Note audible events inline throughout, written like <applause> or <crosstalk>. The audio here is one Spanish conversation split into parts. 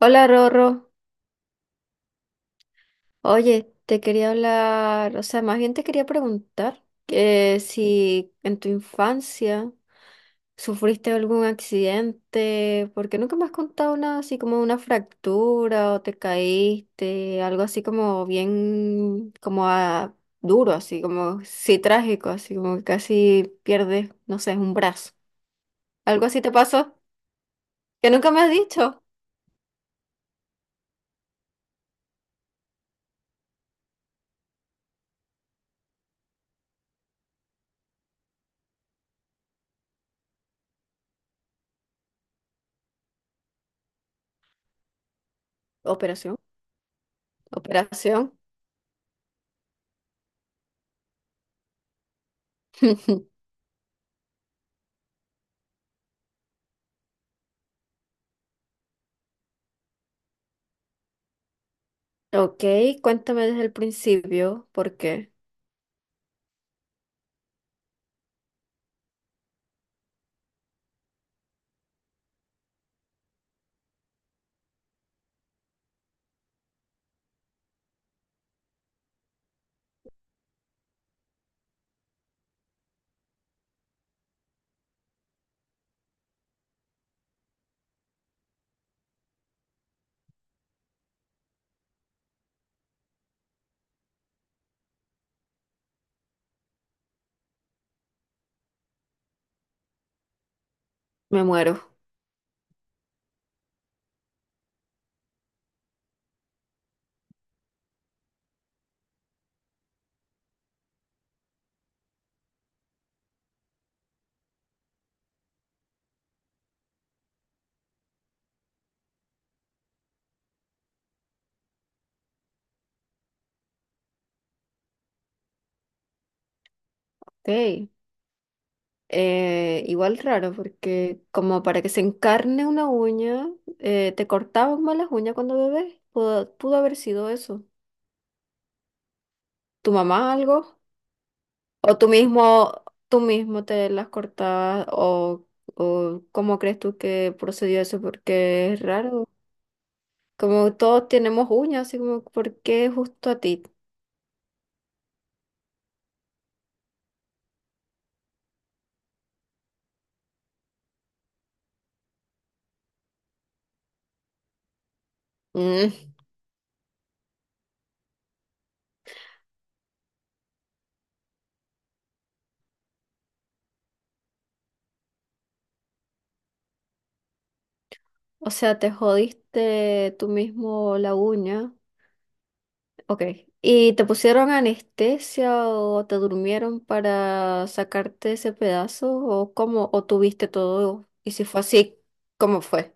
Hola Rorro, oye, te quería hablar, o sea, más bien te quería preguntar que si en tu infancia sufriste algún accidente, porque nunca me has contado nada así como una fractura o te caíste, algo así como bien, como duro, así como, sí, trágico, así como que casi pierdes, no sé, un brazo. ¿Algo así te pasó? Que nunca me has dicho. Operación, operación. <laughs> Ok, cuéntame desde el principio porque me muero. Ok, igual raro porque como para que se encarne una uña, te cortaban mal las uñas cuando bebés. Pudo haber sido eso. ¿Tu mamá algo? ¿O tú mismo te las cortabas? O cómo crees tú que procedió eso? Porque es raro. Como todos tenemos uñas, así como, ¿por qué justo a ti? Mm. O sea, te jodiste tú mismo la uña. Ok. ¿Y te pusieron anestesia o te durmieron para sacarte ese pedazo? ¿O cómo? ¿O tuviste todo? Y si fue así, ¿cómo fue?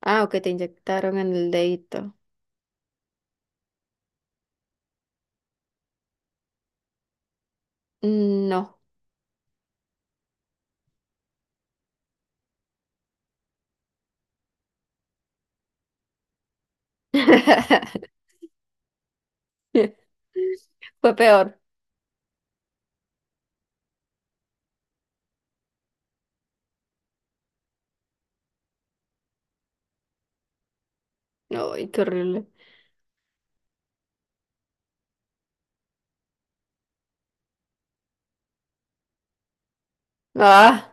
Ah, ok, te inyectaron en el dedito. Mm. No. <laughs> Fue peor. Ay, qué horrible. Ah.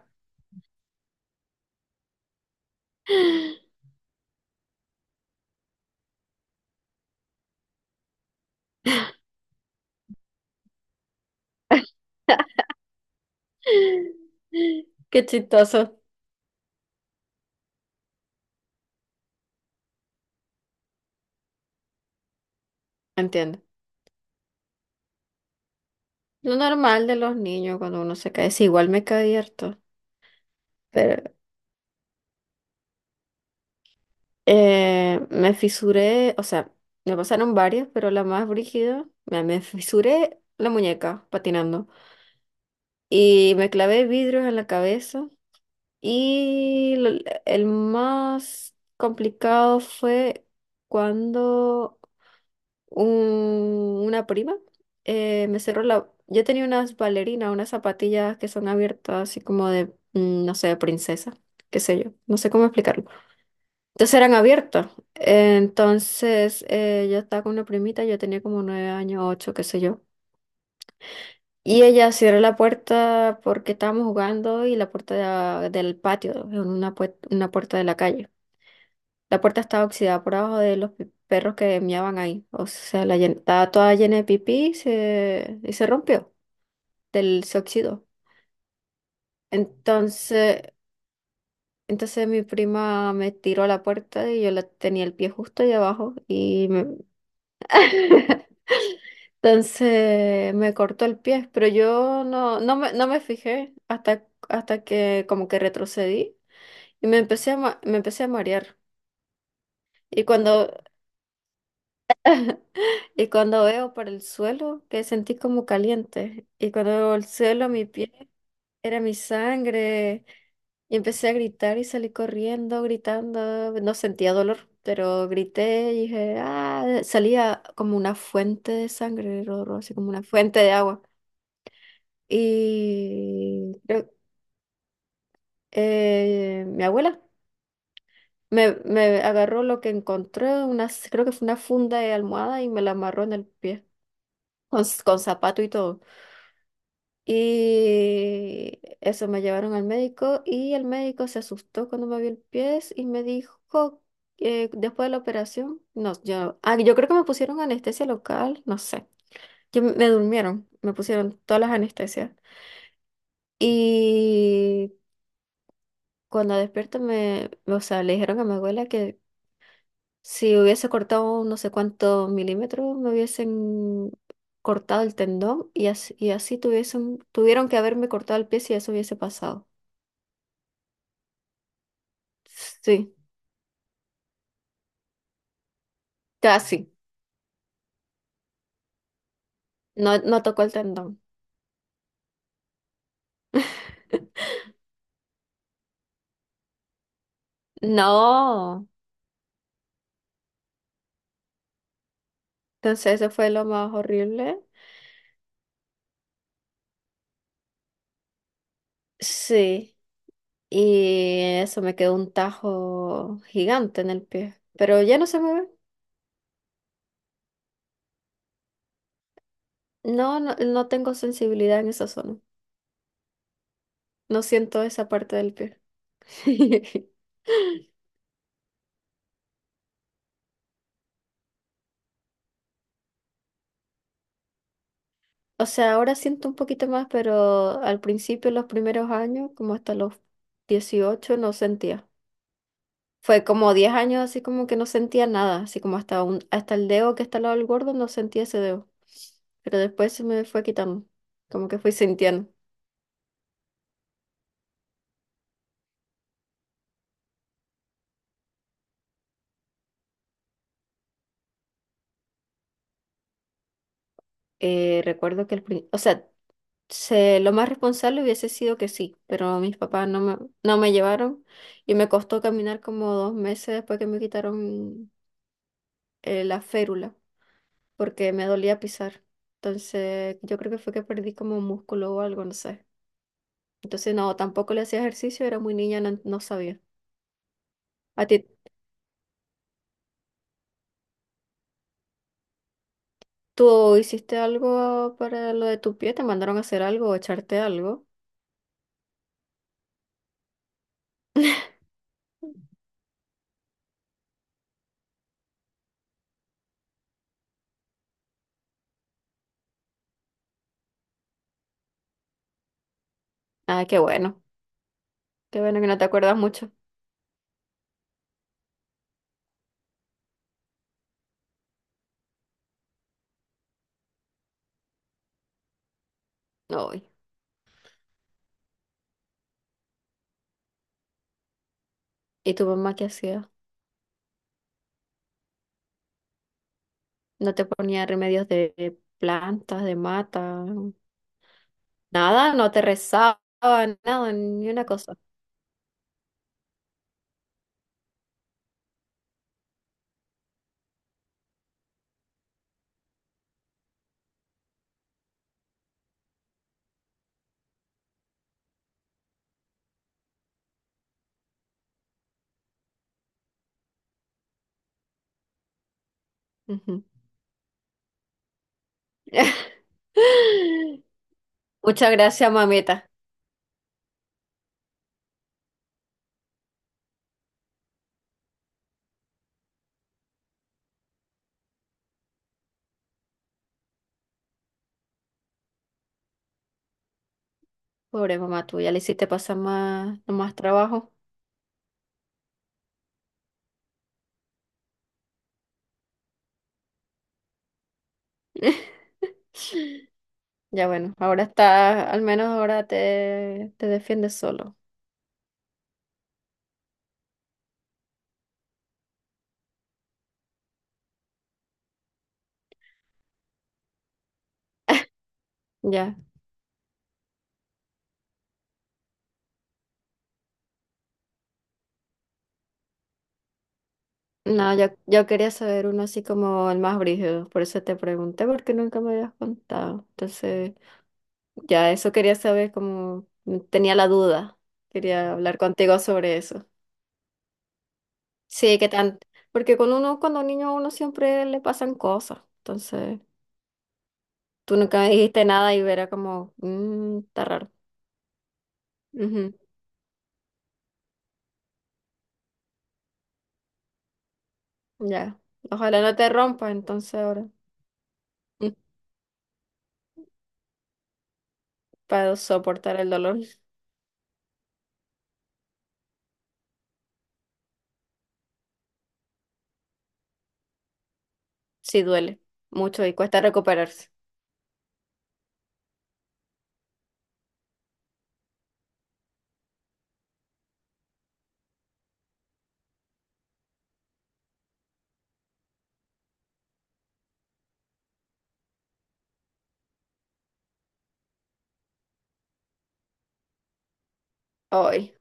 Qué chistoso. Entiendo. Lo normal de los niños cuando uno se cae. Sí, igual me caí harto. Me fisuré, o sea, me pasaron varias, pero la más brígida, me fisuré la muñeca patinando y me clavé vidrios en la cabeza y lo- el más complicado fue cuando una prima me cerró la... Yo tenía unas bailarinas, unas zapatillas que son abiertas así como de, mm, no sé, princesa, qué sé yo, no sé cómo explicarlo. Entonces eran abiertos. Entonces yo estaba con una primita, yo tenía como 9 años, 8, qué sé yo. Y ella cerró la puerta porque estábamos jugando y del patio, una puerta de la calle. La puerta estaba oxidada por abajo de perros que miaban ahí. O sea, estaba toda llena de pipí y y se rompió, se oxidó. Entonces, entonces mi prima me tiró a la puerta y yo la tenía el pie justo ahí abajo y me... <laughs> Entonces me cortó el pie, pero yo no, no me fijé hasta, hasta que como que retrocedí y me empecé a marear. Y cuando, y cuando veo para el suelo, que sentí como caliente. Y cuando veo el suelo, mi pie era mi sangre. Y empecé a gritar y salí corriendo, gritando. No sentía dolor, pero grité y dije, ah, salía como una fuente de sangre, Rorro, así como una fuente de agua. Y creo- mi abuela me agarró lo que encontré, unas, creo que fue una funda de almohada y me la amarró en el pie, con zapato y todo. Y eso me llevaron al médico y el médico se asustó cuando me vio el pie y me dijo que después de la operación, no, yo creo que me pusieron anestesia local, no sé, que me durmieron, me pusieron todas las anestesias. Y cuando despierto o sea, le dijeron a mi abuela que si hubiese cortado un no sé cuántos milímetros, me hubiesen cortado el tendón y así, tuvieron que haberme cortado el pie si eso hubiese pasado. Sí, casi. No, no tocó el tendón. No. Entonces eso fue lo más horrible. Sí. Y eso me quedó un tajo gigante en el pie. Pero ya no se me ve. No, no, no tengo sensibilidad en esa zona. No siento esa parte del pie. <laughs> O sea, ahora siento un poquito más, pero al principio, los primeros años, como hasta los 18, no sentía. Fue como 10 años así como que no sentía nada, así como hasta hasta el dedo que está al lado del gordo no sentía ese dedo. Pero después se me fue quitando, como que fui sintiendo. Recuerdo que o sea, lo más responsable hubiese sido que sí, pero mis papás no me, no me llevaron y me costó caminar como 2 meses después que me quitaron la férula, porque me dolía pisar. Entonces, yo creo que fue que perdí como músculo o algo, no sé. Entonces, no, tampoco le hacía ejercicio, era muy niña, no, no sabía. ¿A ti tú hiciste algo para lo de tu pie? ¿Te mandaron a hacer algo o echarte algo? Ah, qué bueno que no te acuerdas mucho. Ay. ¿Y tu mamá qué hacía? ¿No te ponía remedios de plantas, de mata? Nada, no te rezaba, nada, ni una cosa. Ujú. <laughs> Muchas gracias, mamita. Pobre mamá tuya, le hiciste pasar más trabajo. <laughs> Ya bueno, ahora está, al menos ahora te defiendes solo. Ya, no, yo quería saber uno así como el más brígido, por eso te pregunté, porque nunca me habías contado. Entonces, ya eso quería saber, como tenía la duda, quería hablar contigo sobre eso. Sí, qué tan, porque con uno, cuando un niño a uno siempre le pasan cosas, entonces tú nunca me dijiste nada y era como, "Mm, está raro". Ujú. Ya. Ojalá no te rompa entonces ahora. Mm, para soportar el dolor. Sí duele mucho y cuesta recuperarse. Ay.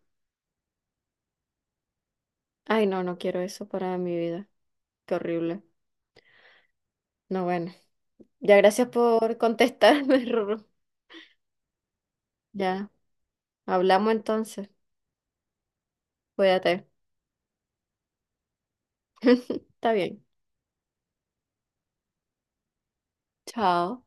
Ay, no, no quiero eso para mi vida. Qué horrible. No, bueno. Ya, gracias por contestarme, <laughs> Rorro. Ya. Hablamos entonces. Cuídate. <laughs> Está bien. Chao.